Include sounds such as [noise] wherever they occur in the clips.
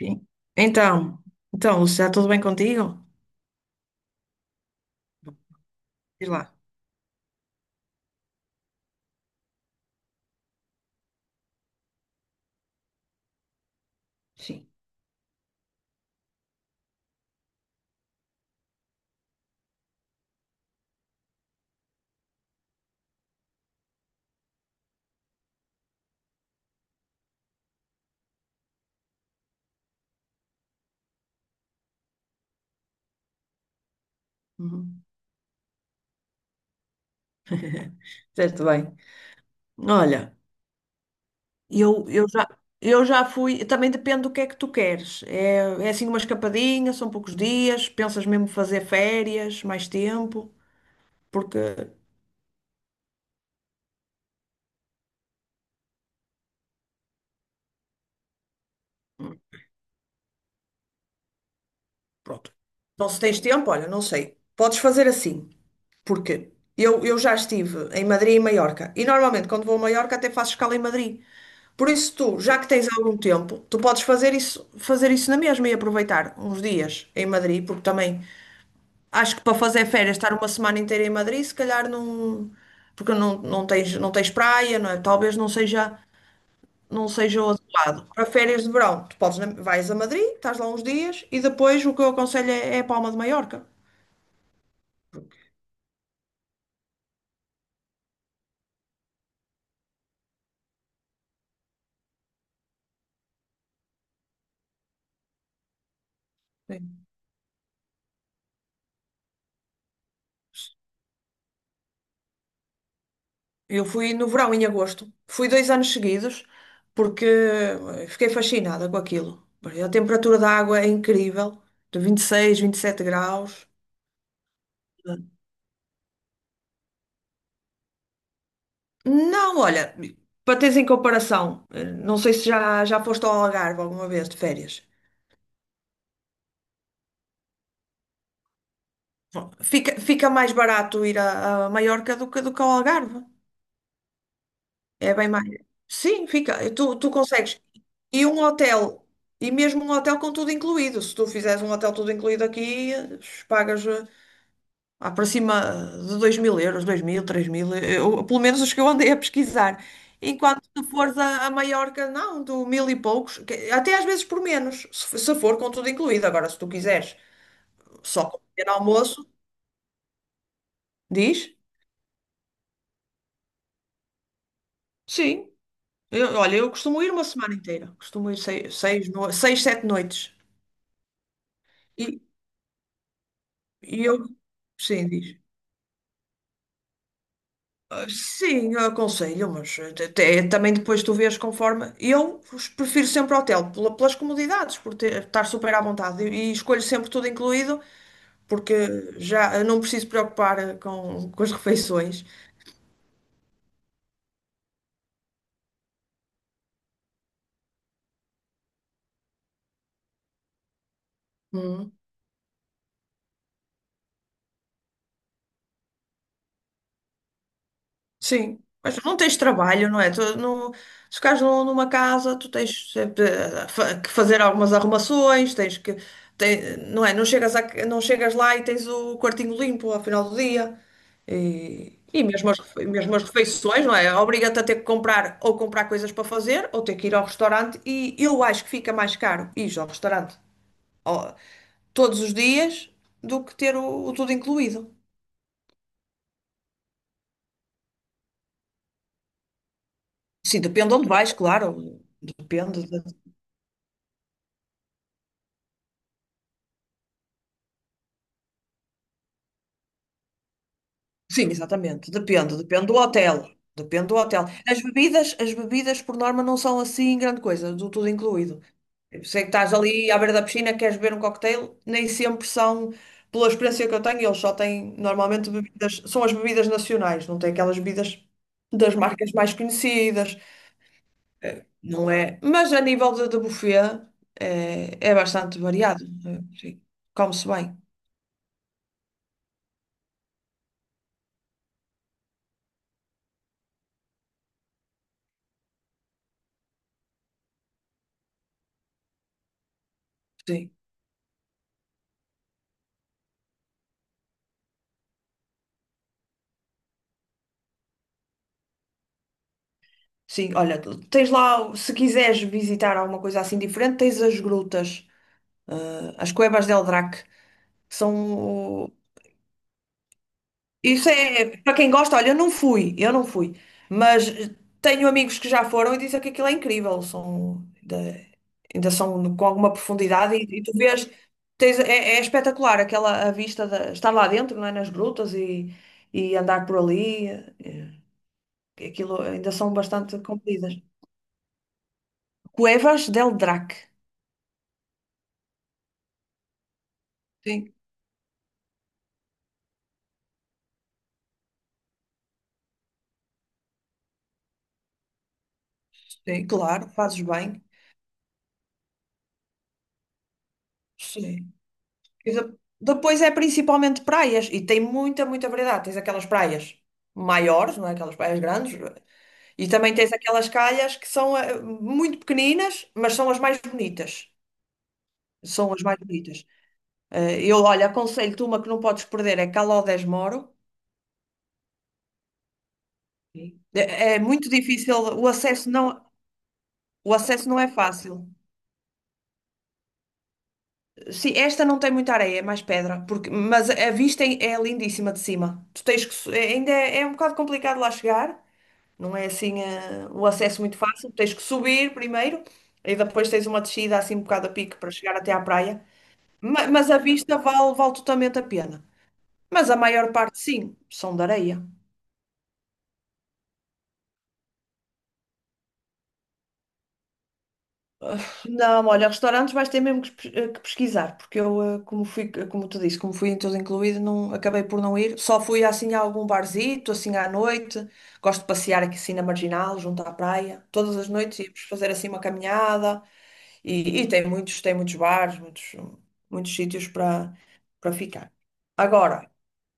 Sim. Então, então, Lúcia, está tudo bem contigo? Diz lá. Sim. Uhum. Certo, bem. Olha, eu, eu já, eu já fui. Também depende do que é que tu queres. É assim uma escapadinha, são poucos dias. Pensas mesmo fazer férias, mais tempo? Porque, pronto. Então, se tens tempo, olha, não sei. Podes fazer assim, porque eu já estive em Madrid e Maiorca. E normalmente, quando vou a Maiorca, até faço escala em Madrid. Por isso, tu, já que tens algum tempo, tu podes fazer isso na mesma e aproveitar uns dias em Madrid, porque também acho que para fazer férias, estar uma semana inteira em Madrid, se calhar não. Porque não, não tens praia, não é? Talvez não seja o adequado. Para férias de verão, tu podes, vais a Madrid, estás lá uns dias e depois o que eu aconselho é a Palma de Maiorca. Sim. Eu fui no verão, em agosto. Fui 2 anos seguidos porque fiquei fascinada com aquilo. A temperatura da água é incrível, de 26, 27 graus. Não, olha, para teres em comparação, não sei se já foste ao Algarve alguma vez de férias. Bom, fica mais barato ir a Maiorca do que ao Algarve. É bem mais. Sim, fica. Tu consegues. E um hotel, e mesmo um hotel com tudo incluído. Se tu fizeres um hotel tudo incluído aqui, pagas para cima de €2.000, 2.000, 3.000, eu, pelo menos os que eu andei a pesquisar. Enquanto tu fores a Maiorca, não, do mil e poucos, até às vezes por menos, se for com tudo incluído. Agora, se tu quiseres só comer almoço, diz, sim. Olha, eu costumo ir uma semana inteira, costumo ir seis, seis, no- seis, sete noites. E eu, sim, diz. "Ah, sim, eu aconselho, mas até, também depois tu vês conforme. Eu prefiro sempre hotel, pelas comodidades, estar super à vontade. E escolho sempre tudo incluído, porque já não preciso preocupar com as refeições. Sim, mas não tens trabalho, não é? Tu, não, se ficares numa casa, tu tens sempre que fazer algumas arrumações, tens que, não é? Não chegas, não chegas lá e tens o quartinho limpo ao final do dia. E mesmo mesmo as refeições, não é? Obriga-te a ter que comprar ou comprar coisas para fazer ou ter que ir ao restaurante. E eu acho que fica mais caro ir ao restaurante ó, todos os dias do que ter o tudo incluído. Sim, depende onde vais, claro. Depende. Sim, exatamente. Depende do hotel. Depende do hotel. As bebidas por norma não são assim grande coisa, do tudo incluído. Sei que estás ali à beira da piscina, queres beber um cocktail, nem sempre são, pela experiência que eu tenho, eles só têm normalmente bebidas, são as bebidas nacionais, não têm aquelas bebidas das marcas mais conhecidas. Não é? Mas a nível de buffet é bastante variado. Sim. Come-se bem. Sim. Sim, olha, tens lá, se quiseres visitar alguma coisa assim diferente, tens as grutas, eh, as Cuevas del Drac, que são... Isso é, para quem gosta, olha, eu não fui, mas tenho amigos que já foram e dizem que aquilo é incrível, são, ainda são com alguma profundidade e tu vês, tens, é espetacular aquela a vista, de, estar lá dentro, não é, nas grutas e andar por ali, aquilo ainda são bastante compridas. Cuevas del Drac. Sim. Sim, claro, fazes bem. Sim. E de- depois é principalmente praias e tem muita variedade. Tens aquelas praias maiores, não é? Aquelas praias grandes, e também tens aquelas calhas que são muito pequeninas, mas são as mais bonitas. São as mais bonitas. Olha, aconselho-te uma que não podes perder, é Caló Moro. Sim. É muito difícil, o acesso não é fácil. Sim, esta não tem muita areia, é mais pedra, porque, mas a vista é lindíssima de cima. Tu tens que, é um bocado complicado lá chegar, não é assim o acesso muito fácil. Tens que subir primeiro e depois tens uma descida assim um bocado a pique para chegar até à praia. Mas, a vista vale totalmente a pena. Mas a maior parte, sim, são de areia. Não, olha, restaurantes vais ter mesmo que pesquisar, porque eu, como fui, como tu disse, como fui em tudo incluído, não, acabei por não ir. Só fui assim a algum barzito, assim à noite. Gosto de passear aqui assim na Marginal, junto à praia. Todas as noites íamos fazer assim uma caminhada. E tem muitos, bares, muitos, muitos sítios para ficar. Agora,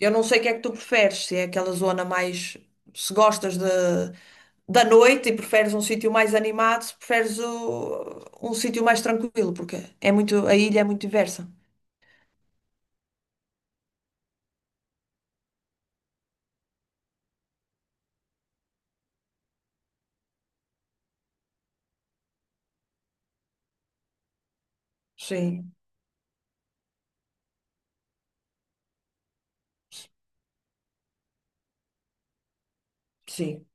eu não sei o que é que tu preferes, se é aquela zona mais, se gostas de da noite e preferes um sítio mais animado, se preferes um sítio mais tranquilo, porque a ilha é muito diversa. Sim, sim.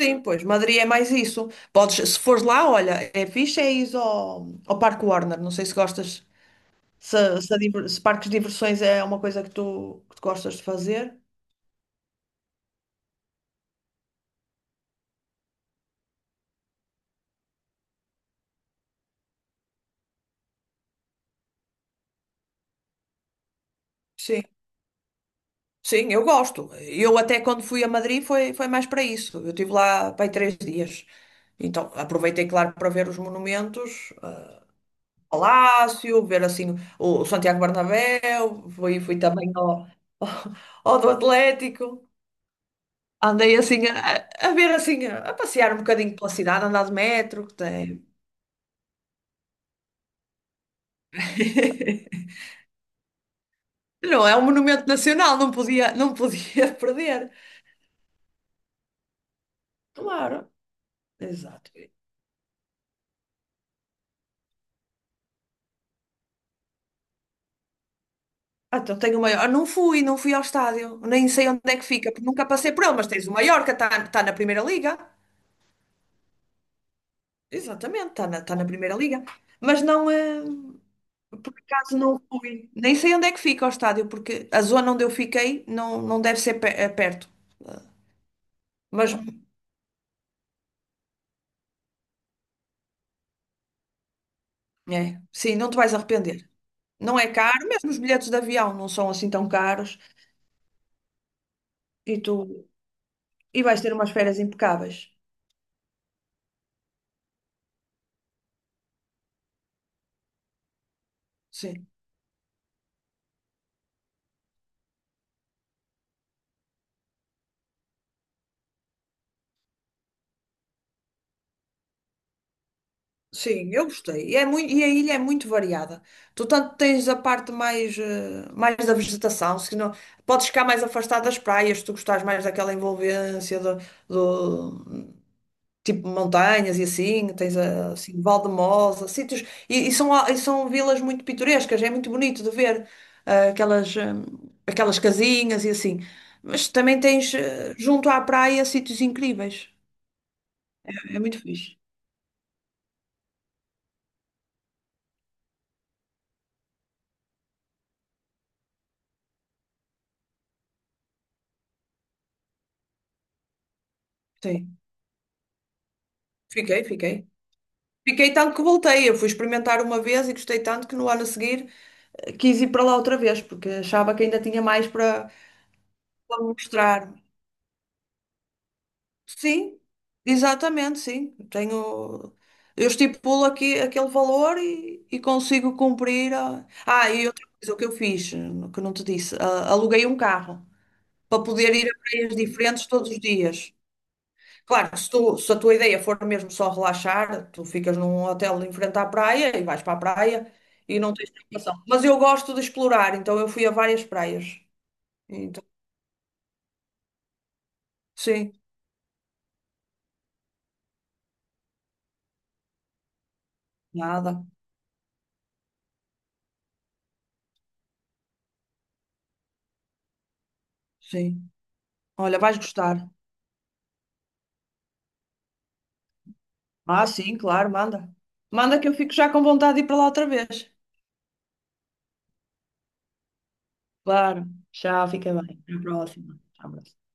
Sim, pois, Madrid é mais isso. Podes, se fores lá, olha, é fixe, é ir ao Parque Warner. Não sei se gostas, se, se parques de diversões é uma coisa que tu gostas de fazer. Sim. Sim, eu gosto. Eu até quando fui a Madrid foi, mais para isso. Eu estive lá para aí 3 dias. Então aproveitei, claro, para ver os monumentos, Palácio, ver assim o Santiago Bernabéu, fui também ao, [laughs] ao do Atlético. Andei assim a ver assim, a passear um bocadinho pela cidade, andar de metro, que tem. [laughs] Não, é um monumento nacional, não podia, não podia [laughs] perder. Claro, exato. Ah, então tenho o maior. Não fui, ao estádio, nem sei onde é que fica, porque nunca passei por ele, mas tens o Mallorca, está tá tá na Primeira Liga. Exatamente, tá na Primeira Liga. Mas não é. Por acaso não fui. Nem sei onde é que fica o estádio, porque a zona onde eu fiquei não, não deve ser perto. Mas, sim, não te vais arrepender. Não é caro, mesmo os bilhetes de avião não são assim tão caros. E tu e vais ter umas férias impecáveis. Sim, sim, eu gostei. E, e a ilha é muito variada. Tu tanto tens a parte mais, mais da vegetação, se não, podes ficar mais afastado das praias, se tu gostares mais daquela envolvência do, tipo montanhas e assim, tens assim, Valdemosa, sítios, e são vilas muito pitorescas, é muito bonito de ver aquelas, aquelas casinhas e assim. Mas também tens junto à praia sítios incríveis. É muito fixe. Sim. Fiquei. Fiquei tanto que voltei. Eu fui experimentar uma vez e gostei tanto que no ano a seguir quis ir para lá outra vez, porque achava que ainda tinha mais para, me mostrar. Sim, exatamente, sim. Tenho, eu estipulo aqui aquele valor e consigo cumprir a... Ah, e outra coisa que eu fiz, que não te disse, aluguei um carro para poder ir a praias diferentes todos os dias. Claro, se a tua ideia for mesmo só relaxar, tu ficas num hotel em frente à praia e vais para a praia e não tens preocupação. Mas eu gosto de explorar, então eu fui a várias praias. Então, sim, nada, sim. Olha, vais gostar. Ah, sim, claro, manda. Manda que eu fico já com vontade de ir para lá outra vez. Claro, já fica bem. Até a próxima. Até à próxima.